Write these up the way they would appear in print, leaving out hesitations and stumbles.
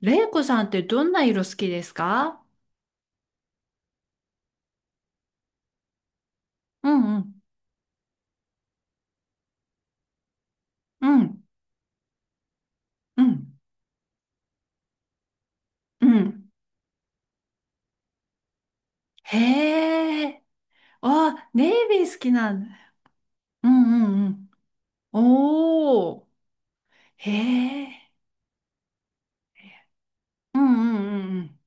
レイコさんってどんな色好きですか？うんうん、うん、うん、うん。へえ。あ、ネイビー好きなんだ。うんうんうん。おー。へえ。うんうん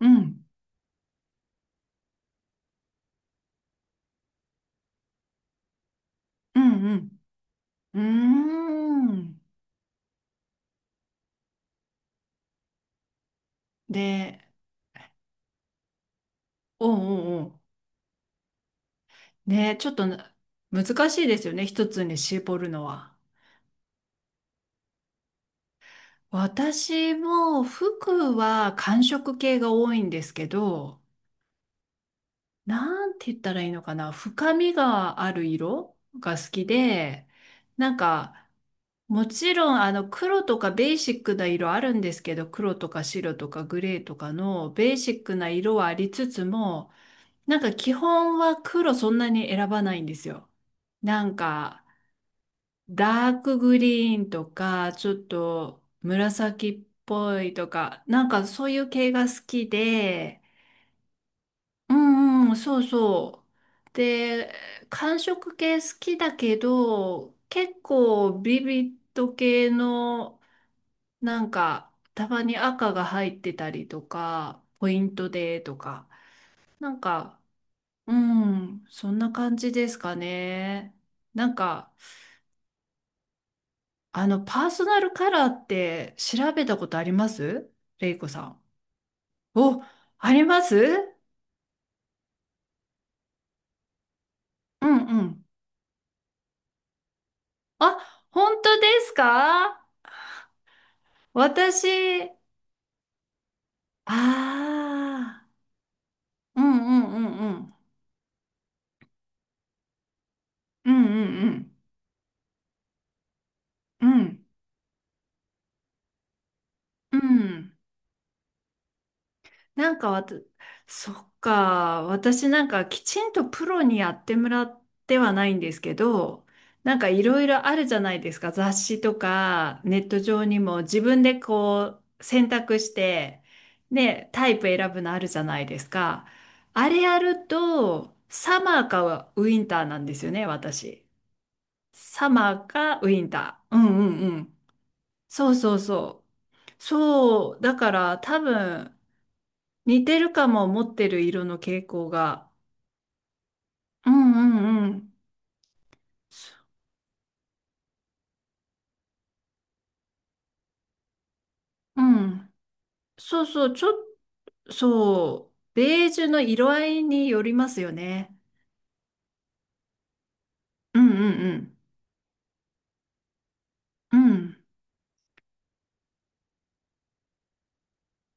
うんうん。うんうんうん。うーん。で、おうおうおう。ね、ちょっとな、難しいですよね。一つに絞るのは。私も服は寒色系が多いんですけど、なんて言ったらいいのかな、深みがある色が好きで、なんか、もちろんあの黒とかベーシックな色あるんですけど、黒とか白とかグレーとかのベーシックな色はありつつも、なんか基本は黒そんなに選ばないんですよ。なんか、ダークグリーンとか、ちょっと紫っぽいとか、なんかそういう系が好きで、うんうん、そうそう。で、韓食系好きだけど、結構ビビット系の、なんか、たまに赤が入ってたりとか、ポイントでとか、なんか、うん、そんな感じですかね。なんか、あの、パーソナルカラーって調べたことあります、レイコさん？お、あります？うんうん。あ、本当ですか？私、ああ、うんうんうんうん。うんうんうん。うん。うん。なんかわた、そっか、私なんかきちんとプロにやってもらってはないんですけど、なんかいろいろあるじゃないですか。雑誌とかネット上にも自分でこう選択して、ね、タイプ選ぶのあるじゃないですか。あれやると、サマーかウィンターなんですよね、私。サマーかウィンター。うんうんうん。そうそうそう。そう、だから多分似てるかも。持ってる色の傾向が。うんうんうん。うん。そうそう、ちょっと、そう、ベージュの色合いによりますよね。うんうんうん。うん。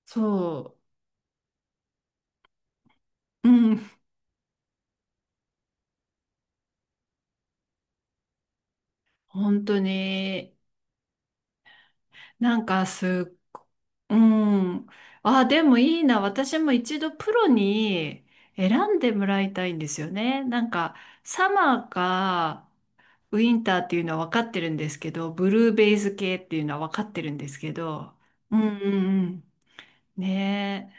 そう。うん。本当に、なんかす、うん。あ、でもいいな。私も一度プロに選んでもらいたいんですよね。なんか、サマーか、ウィンターっていうのは分かってるんですけど、ブルーベイズ系っていうのは分かってるんですけど、うんうんうん。ね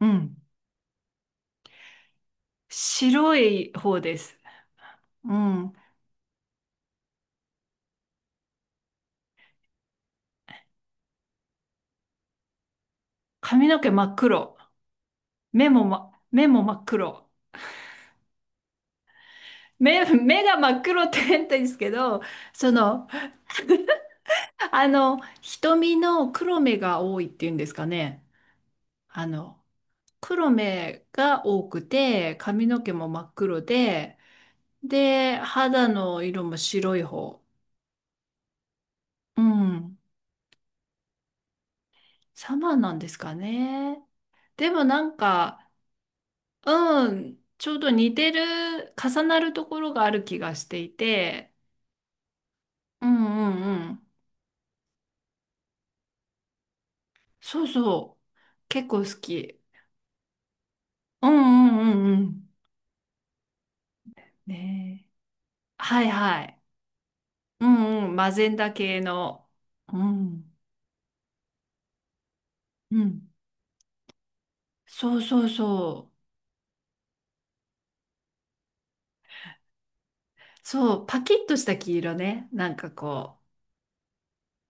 え。うん。白い方です。うん。髪の毛真っ黒。目も、目も真っ黒。目が真っ黒って変態ですけど、その、あの、瞳の黒目が多いっていうんですかね。あの、黒目が多くて、髪の毛も真っ黒で、で、肌の色も白い方。うん、サマーなんですかね？でもなんか、うん、ちょうど似てる、重なるところがある気がしていて、うんうんうん。そうそう。結構好き。うんうんうんうん。ねえ。はいはい。うんうん。マゼンダ系の。うん。うん。そうそうそう。そう、パキッとした黄色ね。なんかこう。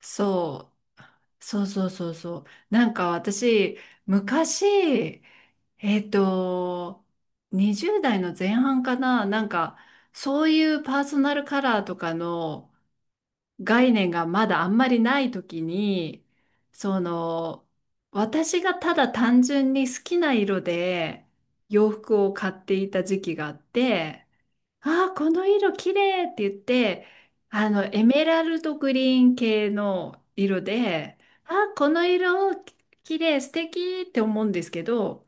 そう。そうそうそうそう。なんか私、昔、えっと、20代の前半かな、なんか、そういうパーソナルカラーとかの概念がまだあんまりない時に、その、私がただ単純に好きな色で洋服を買っていた時期があって、ああ、この色綺麗って言って、あの、エメラルドグリーン系の色で、ああ、この色綺麗、素敵って思うんですけど、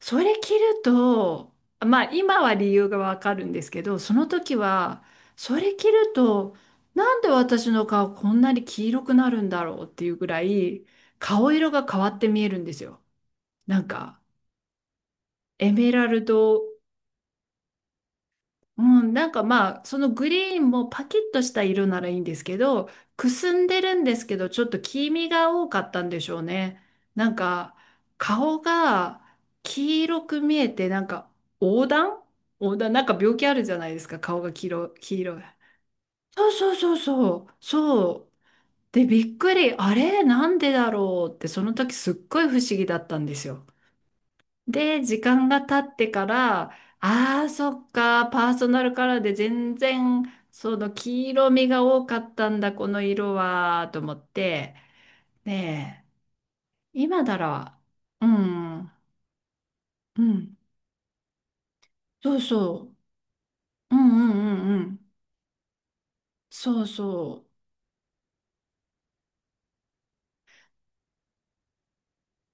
それ着ると、まあ今は理由がわかるんですけど、その時は、それ着ると、なんで私の顔こんなに黄色くなるんだろうっていうぐらい、顔色が変わって見えるんですよ。なんか、エメラルドうん、なんかまあ、そのグリーンもパキッとした色ならいいんですけど、くすんでるんですけど、ちょっと黄身が多かったんでしょうね。なんか、顔が黄色く見えて、なんか、黄疸黄疸、なんか病気あるじゃないですか、顔が黄色い。そうそうそうそう、そう。で、びっくり、あれ、なんでだろうって、その時すっごい不思議だったんですよ。で、時間が経ってから、ああ、そっか、パーソナルカラーで全然、その黄色みが多かったんだ、この色は、と思って、ねえ、今なら、うん、うん、そうそう、うんうんうんうん、そうそ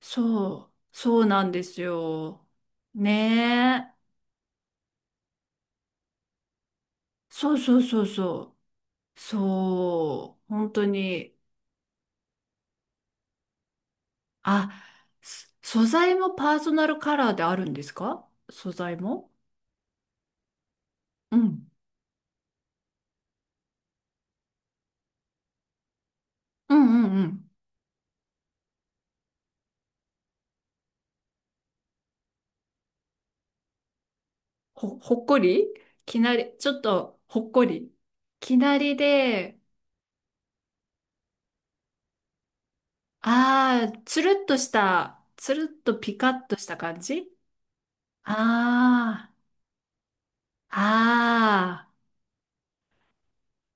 う、そう、そうなんですよ。ねえ、そうそうそうそう、そう、本当に。あ、素材もパーソナルカラーであるんですか？素材も。うん。うんうんうん。ほっこりきなり、ちょっとほっこり。きなりで、ああ、つるっとした、つるっとピカッとした感じ。ああ、ああ、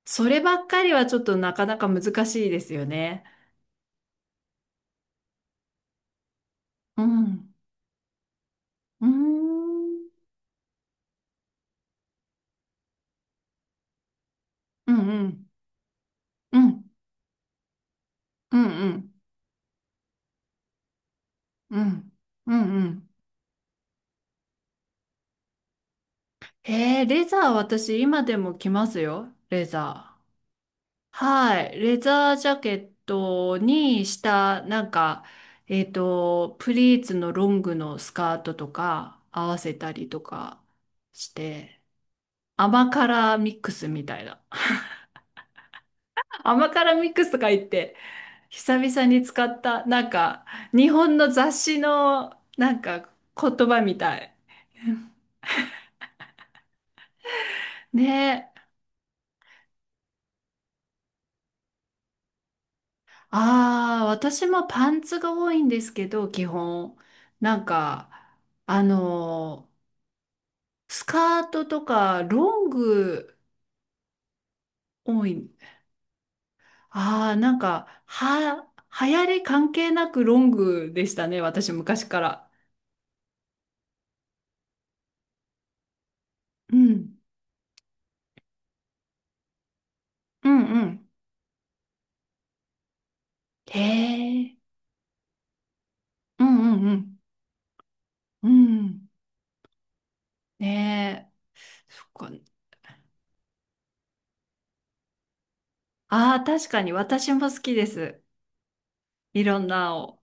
そればっかりはちょっとなかなか難しいですよね。うん。うーん。うんうん。うん。うんうん。うん。うんうん。へえ、レザー私今でも着ますよ。レザー。はい。レザージャケットにした、なんか、プリーツのロングのスカートとか合わせたりとかして、甘辛ミックスみたいな。甘辛ミックスとか言って、久々に使った、なんか、日本の雑誌の、なんか、言葉みたい。ね。ああ、私もパンツが多いんですけど、基本。なんか、あのスカートとかロング多い。ああ、なんか、流行り関係なくロングでしたね、私昔から。うん。うんうん。へえ。うんうんうん。うん。ねえ。そっか。ああ、確かに私も好きです。いろんなを。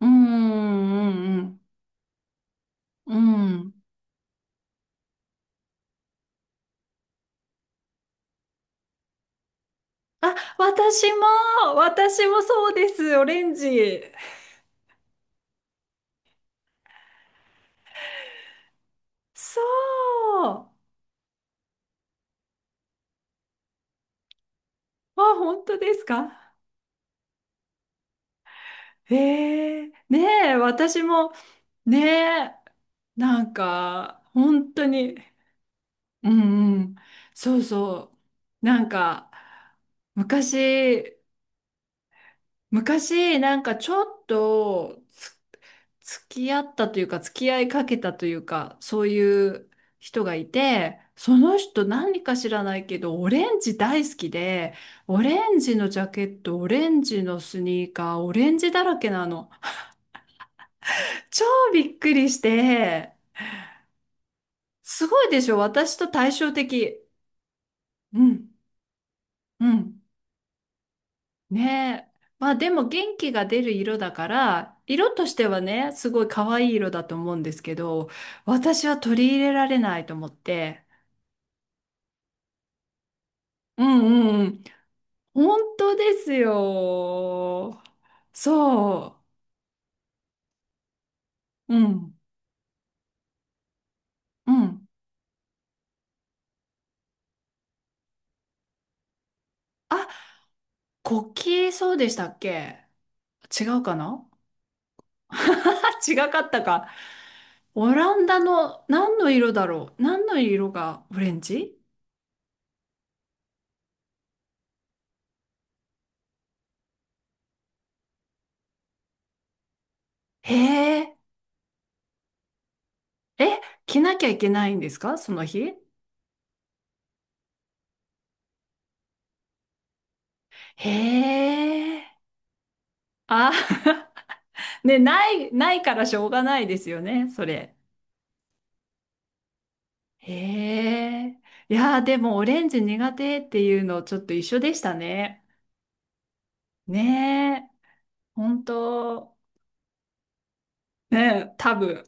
うんうんうんうん。うん。あ、私もそうです、オレンジ。そう。あ、本当ですか？ええ。ねえ、私も、ねえ、なんか、本当に、うんうん、そうそう。なんか、昔、昔、なんかちょっと、付き合ったというか、付き合いかけたというか、そういう人がいて、その人何か知らないけど、オレンジ大好きで、オレンジのジャケット、オレンジのスニーカー、オレンジだらけなの。超びっくりして、すごいでしょ、私と対照的。うん、うん。ねえ。まあでも元気が出る色だから、色としてはね、すごい可愛い色だと思うんですけど、私は取り入れられないと思って、うんうんうん。本当ですよ。そう。うん。うん。あ、国旗、そうでしたっけ？違うかな？あ、違かったか。オランダの何の色だろう？何の色がオレンジ？へえ。え、着なきゃいけないんですかその日？へえ。あ、ね、ないからしょうがないですよね、それ。へえ。いやー、でもオレンジ苦手っていうのちょっと一緒でしたね。ねえ、本当。ねえ、多分。